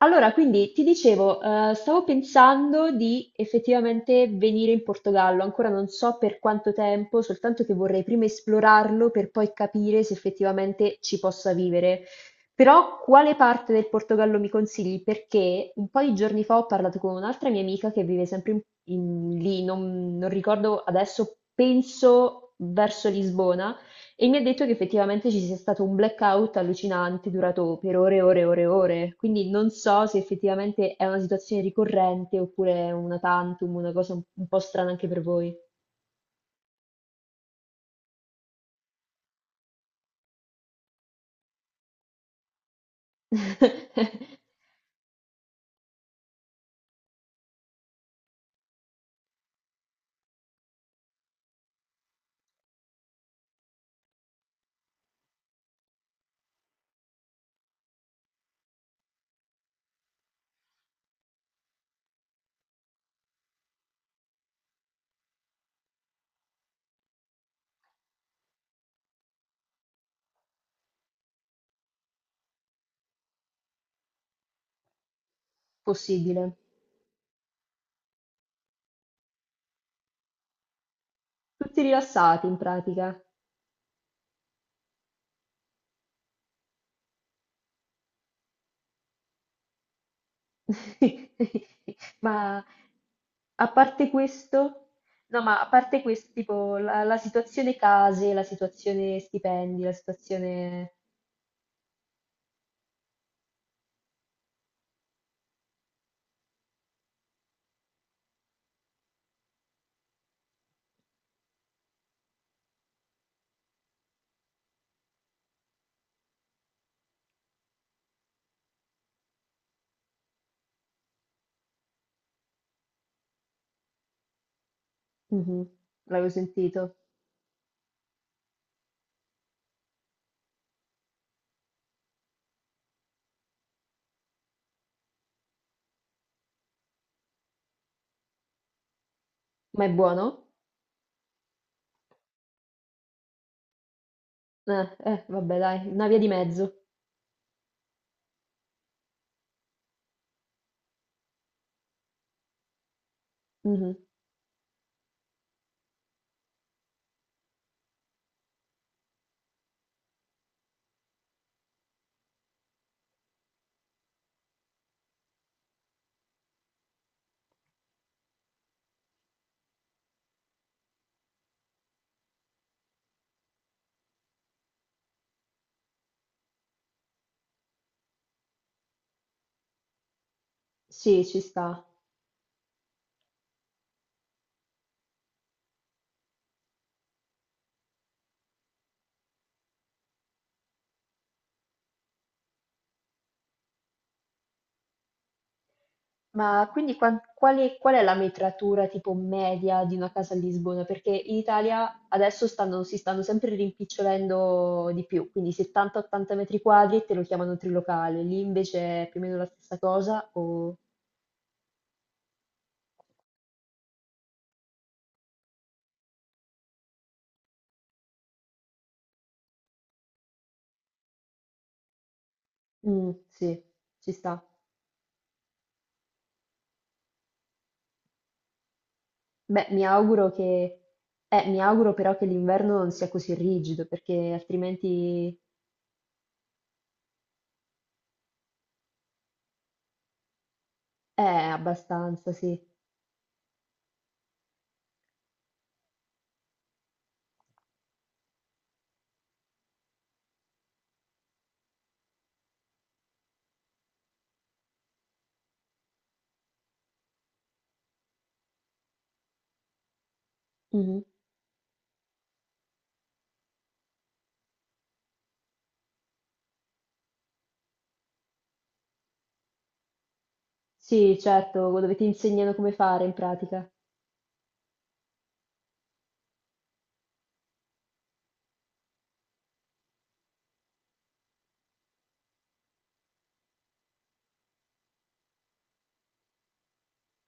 Allora, quindi ti dicevo, stavo pensando di effettivamente venire in Portogallo, ancora non so per quanto tempo, soltanto che vorrei prima esplorarlo per poi capire se effettivamente ci possa vivere. Però quale parte del Portogallo mi consigli? Perché un po' di giorni fa ho parlato con un'altra mia amica che vive sempre lì, non ricordo adesso, penso verso Lisbona e mi ha detto che effettivamente ci sia stato un blackout allucinante durato per ore e ore e ore e ore. Quindi non so se effettivamente è una situazione ricorrente oppure è una tantum, una cosa un po' strana anche per voi. Possibile. Tutti rilassati in pratica. Ma a parte questo, no, ma a parte questo, tipo la situazione case, la situazione stipendi, la situazione... Mhm, l'avevo sentito. Ma è buono? Vabbè dai, una via di mezzo. Mhm. Sì, ci sta. Ma quindi qual è la metratura tipo media di una casa a Lisbona? Perché in Italia adesso si stanno sempre rimpicciolendo di più, quindi 70-80 metri quadri te lo chiamano trilocale, lì invece è più o meno la stessa cosa o... Mm, sì, ci sta. Beh, mi auguro che... mi auguro però che l'inverno non sia così rigido, perché altrimenti è abbastanza, sì. Mhm. Sì, certo, dove ti insegnano come fare in pratica.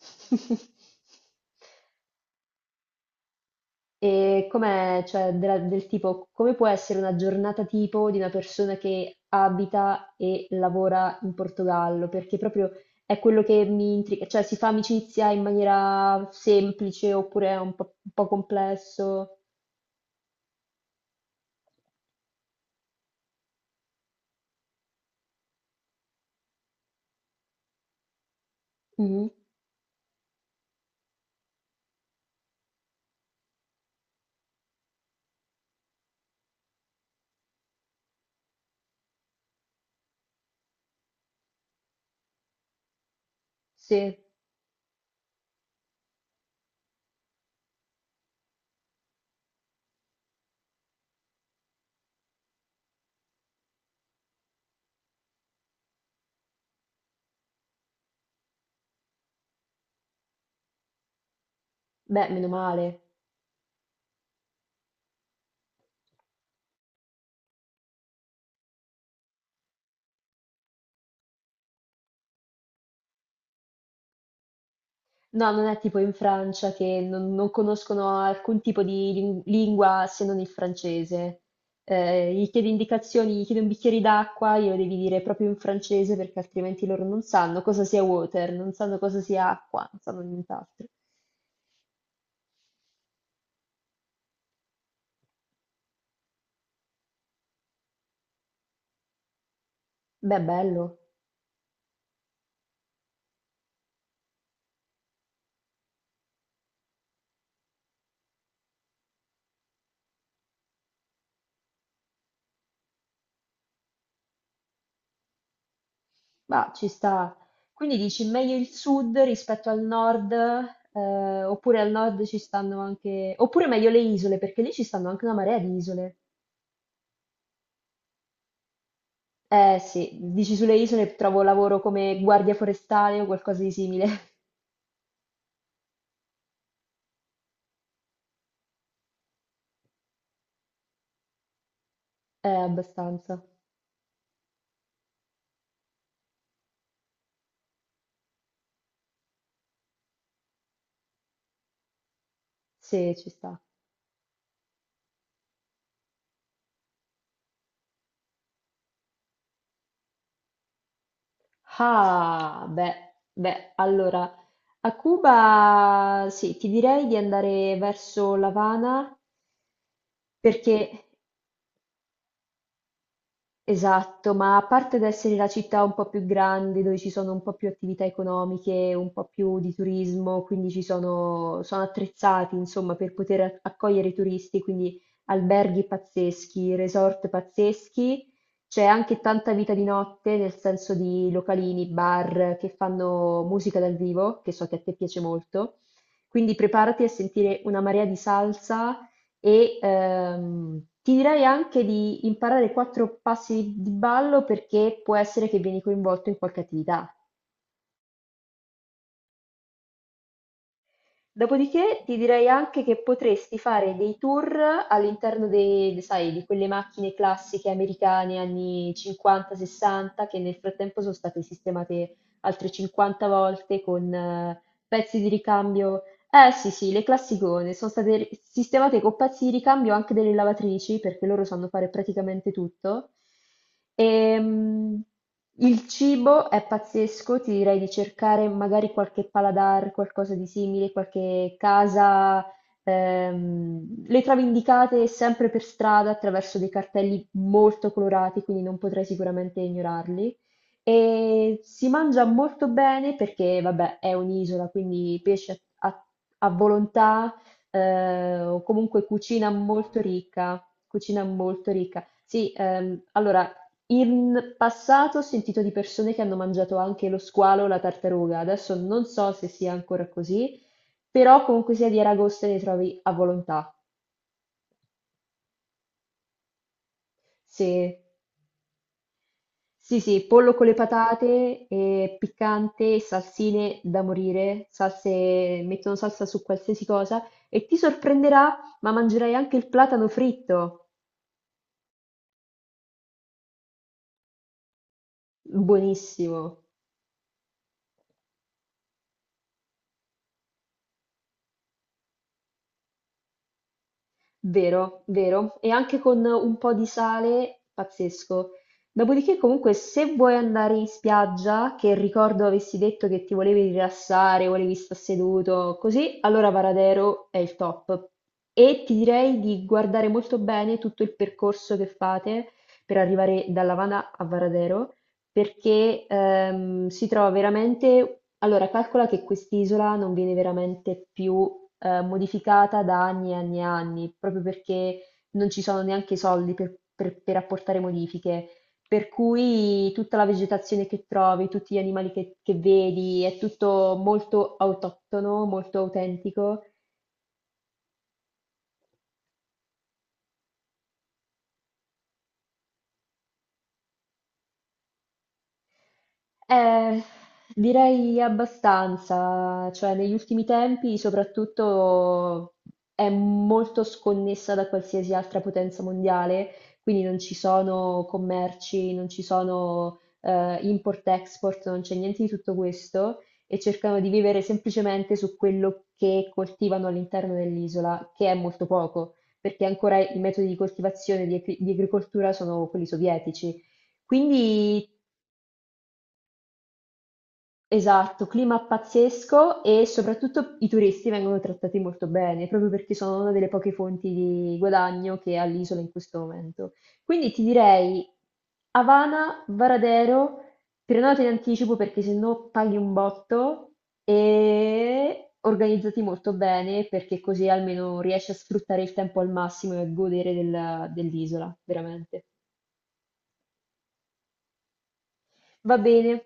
E com'è, cioè, del tipo, come può essere una giornata tipo di una persona che abita e lavora in Portogallo? Perché proprio è quello che mi intriga, cioè si fa amicizia in maniera semplice oppure è un po' complesso? Mhm. Sì, beh, meno male. No, non è tipo in Francia che non conoscono alcun tipo di lingua se non il francese. Gli chiedi indicazioni, gli chiedi un bicchiere d'acqua, glielo devi dire proprio in francese perché altrimenti loro non sanno cosa sia water, non sanno cosa sia acqua, non sanno nient'altro. Beh, bello, ma ci sta. Quindi dici meglio il sud rispetto al nord, oppure al nord ci stanno anche, oppure meglio le isole, perché lì ci stanno anche una marea di isole. Eh sì, dici sulle isole trovo lavoro come guardia forestale o qualcosa di simile. Abbastanza. Sì, ci sta. Ah, beh, beh, allora, a Cuba sì, ti direi di andare verso l'Avana perché esatto, ma a parte ad essere la città un po' più grande, dove ci sono un po' più attività economiche, un po' più di turismo, quindi ci sono, sono attrezzati, insomma, per poter accogliere i turisti, quindi alberghi pazzeschi, resort pazzeschi, c'è anche tanta vita di notte, nel senso di localini, bar che fanno musica dal vivo, che so che a te piace molto. Quindi preparati a sentire una marea di salsa, e ti direi anche di imparare quattro passi di ballo perché può essere che vieni coinvolto in qualche attività. Dopodiché ti direi anche che potresti fare dei tour all'interno sai, di quelle macchine classiche americane anni 50-60 che nel frattempo sono state sistemate altre 50 volte con pezzi di ricambio. Eh sì sì, le classicone, sono state sistemate con pezzi di ricambio anche delle lavatrici, perché loro sanno fare praticamente tutto. Ehm, il cibo è pazzesco, ti direi di cercare magari qualche paladar, qualcosa di simile, qualche casa. Le trovi indicate sempre per strada attraverso dei cartelli molto colorati, quindi non potrai sicuramente ignorarli. E si mangia molto bene perché, vabbè, è un'isola, quindi pesce a volontà, o comunque cucina molto ricca, cucina molto ricca. Sì, allora, in passato ho sentito di persone che hanno mangiato anche lo squalo o la tartaruga, adesso non so se sia ancora così, però comunque sia di Aragosta ne trovi a volontà, se Sì, sì, pollo con le patate, e piccante, salsine da morire, salse, mettono salsa su qualsiasi cosa e ti sorprenderà, ma mangerai anche il platano fritto. Buonissimo. Vero, vero. E anche con un po' di sale, pazzesco. Dopodiché, comunque, se vuoi andare in spiaggia, che ricordo avessi detto che ti volevi rilassare, volevi stare seduto, così, allora Varadero è il top. E ti direi di guardare molto bene tutto il percorso che fate per arrivare da Lavana a Varadero, perché si trova veramente... Allora, calcola che quest'isola non viene veramente più modificata da anni e anni e anni, proprio perché non ci sono neanche i soldi per, per apportare modifiche. Per cui tutta la vegetazione che trovi, tutti gli animali che vedi, è tutto molto autoctono, molto autentico. Eh, direi abbastanza, cioè negli ultimi tempi soprattutto è molto sconnessa da qualsiasi altra potenza mondiale, quindi non ci sono commerci, non ci sono import-export, non c'è niente di tutto questo e cercano di vivere semplicemente su quello che coltivano all'interno dell'isola, che è molto poco, perché ancora i metodi di coltivazione di agricoltura sono quelli sovietici. Quindi esatto, clima pazzesco e soprattutto i turisti vengono trattati molto bene, proprio perché sono una delle poche fonti di guadagno che ha l'isola in questo momento. Quindi ti direi Havana, Varadero, prenota in anticipo perché se no paghi un botto e organizzati molto bene perché così almeno riesci a sfruttare il tempo al massimo e a godere dell'isola, veramente. Va bene.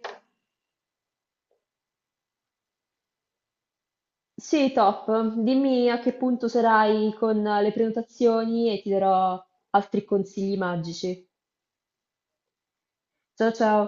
Sì, top. Dimmi a che punto sarai con le prenotazioni e ti darò altri consigli magici. Ciao ciao.